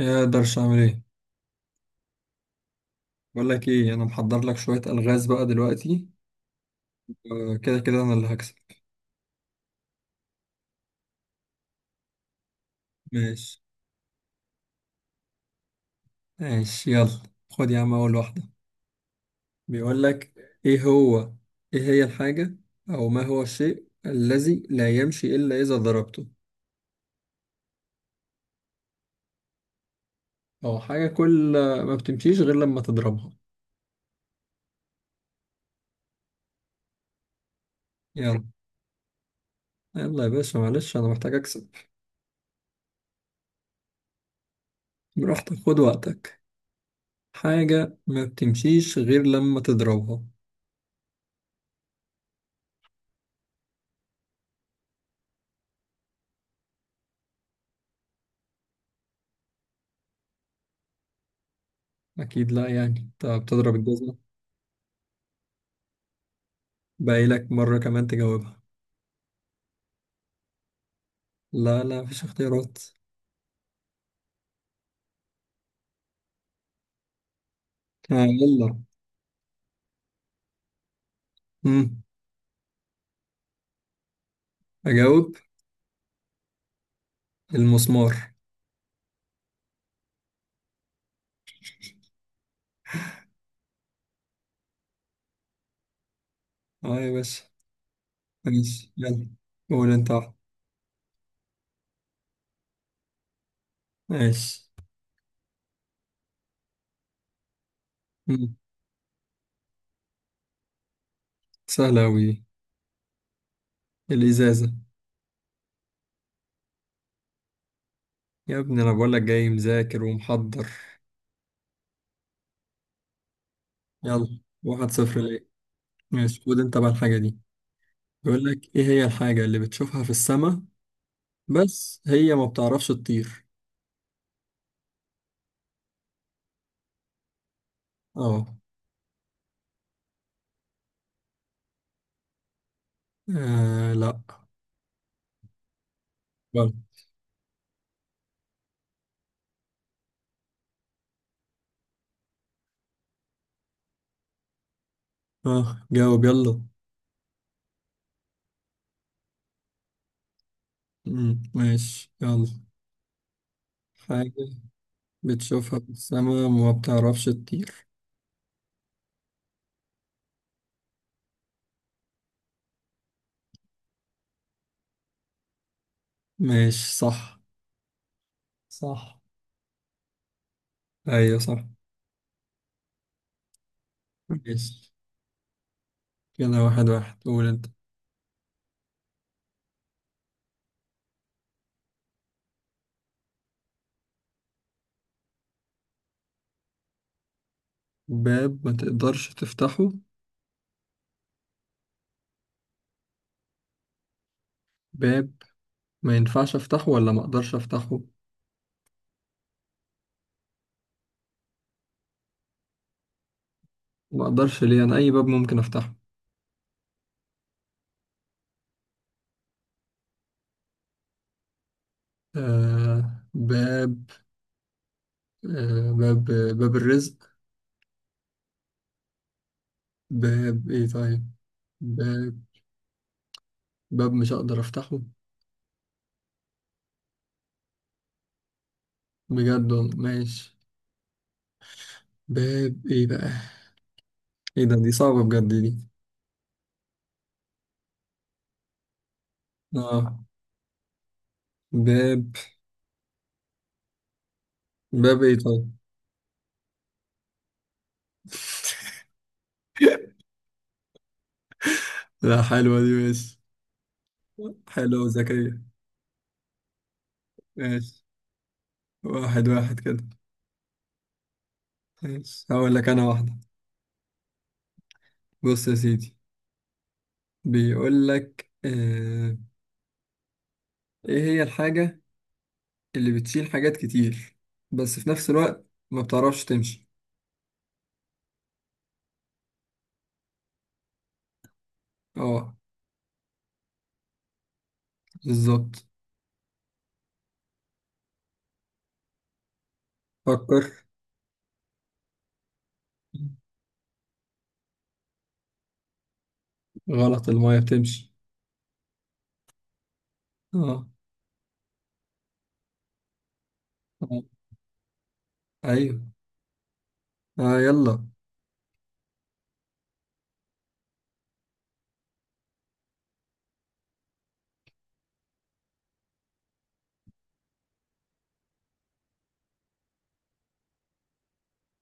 يا درش اعمل ايه؟ بقول لك ايه، انا محضر لك شويه الغاز بقى دلوقتي. كده كده انا اللي هكسب. ماشي. ماشي يلا. خد يا عم اول واحده. بيقول لك ايه هو، ايه هي الحاجه، او ما هو الشيء الذي لا يمشي الا اذا ضربته، او حاجه كل ما بتمشيش غير لما تضربها. يلا يلا يا باشا، معلش انا محتاج اكسب. براحتك، خد وقتك. حاجه ما بتمشيش غير لما تضربها. اكيد لا، يعني انت بتضرب الجزمه؟ باقي لك مره كمان تجاوبها. لا لا، مفيش اختيارات. آه يلا. مم. أجاوب. المسمار. اه يا باشا. ماشي يلا، قول انت واحدة. ماشي. مم. سهلة أوي. الإزازة. يا ابني أنا بقولك جاي مذاكر ومحضر. يلا واحد صفر ليه. ماشي، خد انت بقى الحاجة دي. بيقولك ايه هي الحاجة اللي بتشوفها في السماء بس هي ما بتعرفش تطير؟ اه. آه، لا. غلط. اه جاوب يلا. ماشي يلا. حاجة بتشوفها في السما وما بتعرفش تطير. ماشي صح. صح. أيوة صح. ماشي كده واحد واحد، قول أنت. باب ما تقدرش تفتحه؟ باب ما ينفعش أفتحه ولا ما أقدرش أفتحه؟ ما أقدرش ليه؟ أنا أي باب ممكن أفتحه. آه باب. آه باب. باب الرزق. باب إيه طيب؟ باب. باب مش هقدر أفتحه. بجد والله. ماشي. باب إيه بقى؟ إيه ده، دي صعبة بجد دي. آه باب. باب ايه طيب؟ لا حلوة دي، ماشي. حلوة وذكية. ماشي. واحد واحد كده. ماشي هقول لك أنا واحدة. بص يا سيدي، بيقول لك آه، إيه هي الحاجة اللي بتشيل حاجات كتير بس في نفس الوقت ما بتعرفش تمشي. اه. بالظبط. فكر. غلط، المايه بتمشي. اه. آه. ايوه. اه يلا.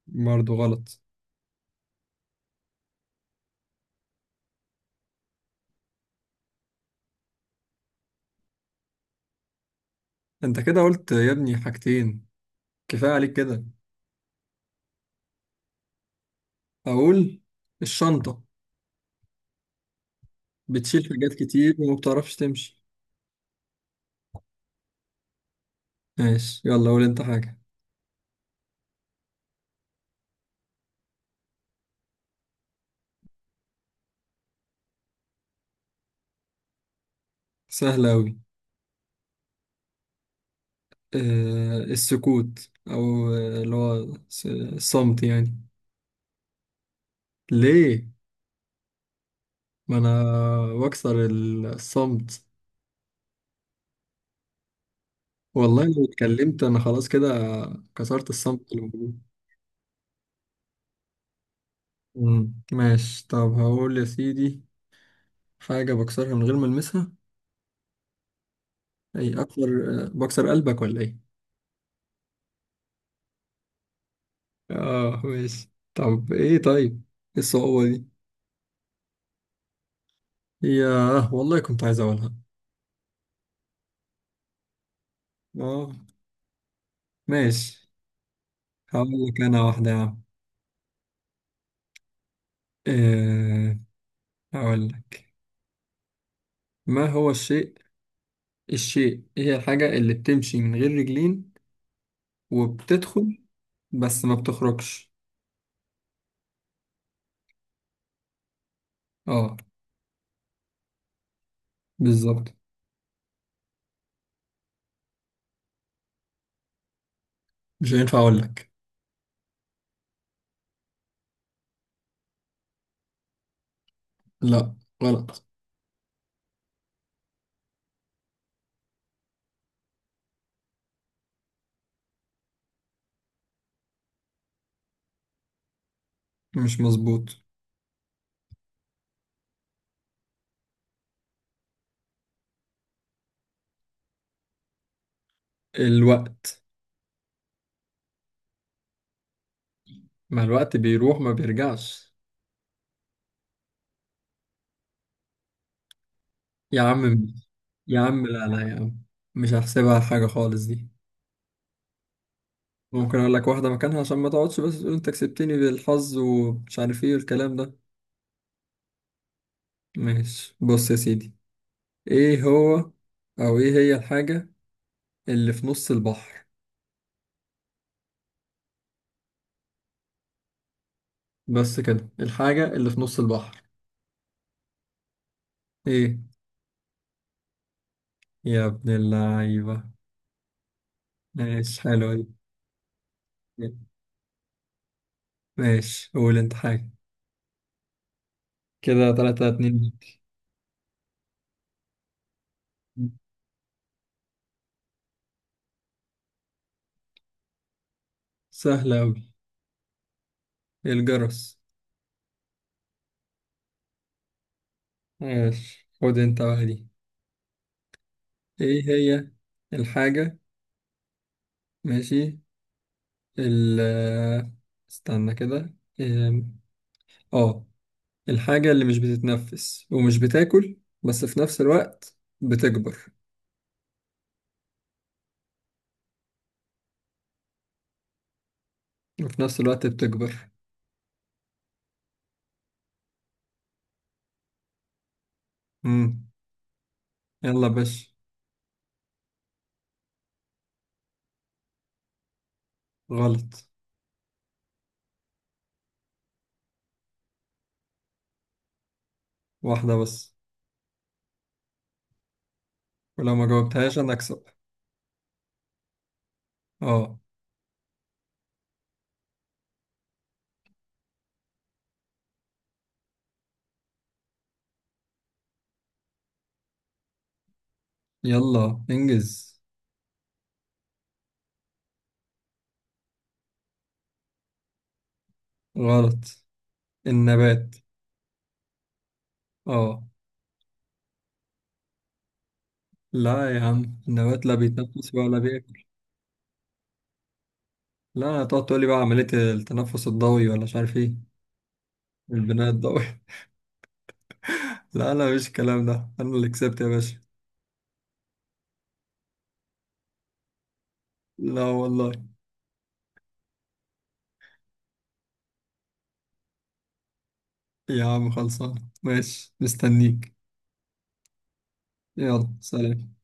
برضه غلط. انت كده قلت يا ابني حاجتين، كفاية عليك كده. اقول الشنطة، بتشيل حاجات كتير وما بتعرفش تمشي. ماشي يلا قول انت حاجة. سهلة أوي. آه السكوت، أو اللي هو الصمت يعني. ليه؟ ما أنا بكسر الصمت. والله لو اتكلمت أنا خلاص كده، كسرت الصمت اللي موجود. ماشي طب، هقول يا سيدي، حاجة بكسرها من غير ما ألمسها، أي أكسر. بكسر قلبك ولا إيه؟ آه ماشي، طب إيه طيب؟ إيه الصعوبة دي؟ ياه والله كنت عايز أقولها. اه ماشي. هقول لك انا واحدة يا عم. أه هقول لك، ما هو الشيء، الشيء هي الحاجة اللي بتمشي من غير رجلين وبتدخل بس ما بتخرجش. اه بالظبط. مش هينفع اقول لك. لا غلط. مش مظبوط. الوقت. ما الوقت بيروح ما بيرجعش. يا عم. يا عم لا يا عم، مش هحسبها حاجة خالص دي. ممكن اقول لك واحدة مكانها عشان ما تقعدش بس تقول انت كسبتني بالحظ ومش عارف ايه والكلام ده. ماشي، بص يا سيدي، ايه هو، او ايه هي الحاجة اللي في نص البحر، بس كده، الحاجة اللي في نص البحر. ايه يا ابن اللعيبة. ماشي حلوة دي. ماشي قول انت حاجة. كده تلاتة اتنين ليك. سهلة اوي. الجرس. ماشي خد انت بقى دي. ايه هي الحاجة. ماشي ال استنى كده. إيه، اه، الحاجة اللي مش بتتنفس ومش بتاكل بس في نفس الوقت بتكبر. وفي نفس الوقت بتكبر. مم. يلا باش. غلط. واحدة بس، ولو ما جاوبتهاش أنا أكسب. اه يلا انجز. غلط. النبات. اه. لا يا عم، النبات لا بيتنفس ولا بياكل. لا تقعد تقولي بقى عملية التنفس الضوئي ولا مش عارف ايه. البناء الضوئي. لا لا مش الكلام ده، أنا اللي كسبت يا باشا. لا والله. يا عم خلصان، ماشي مستنيك. يلا سلام.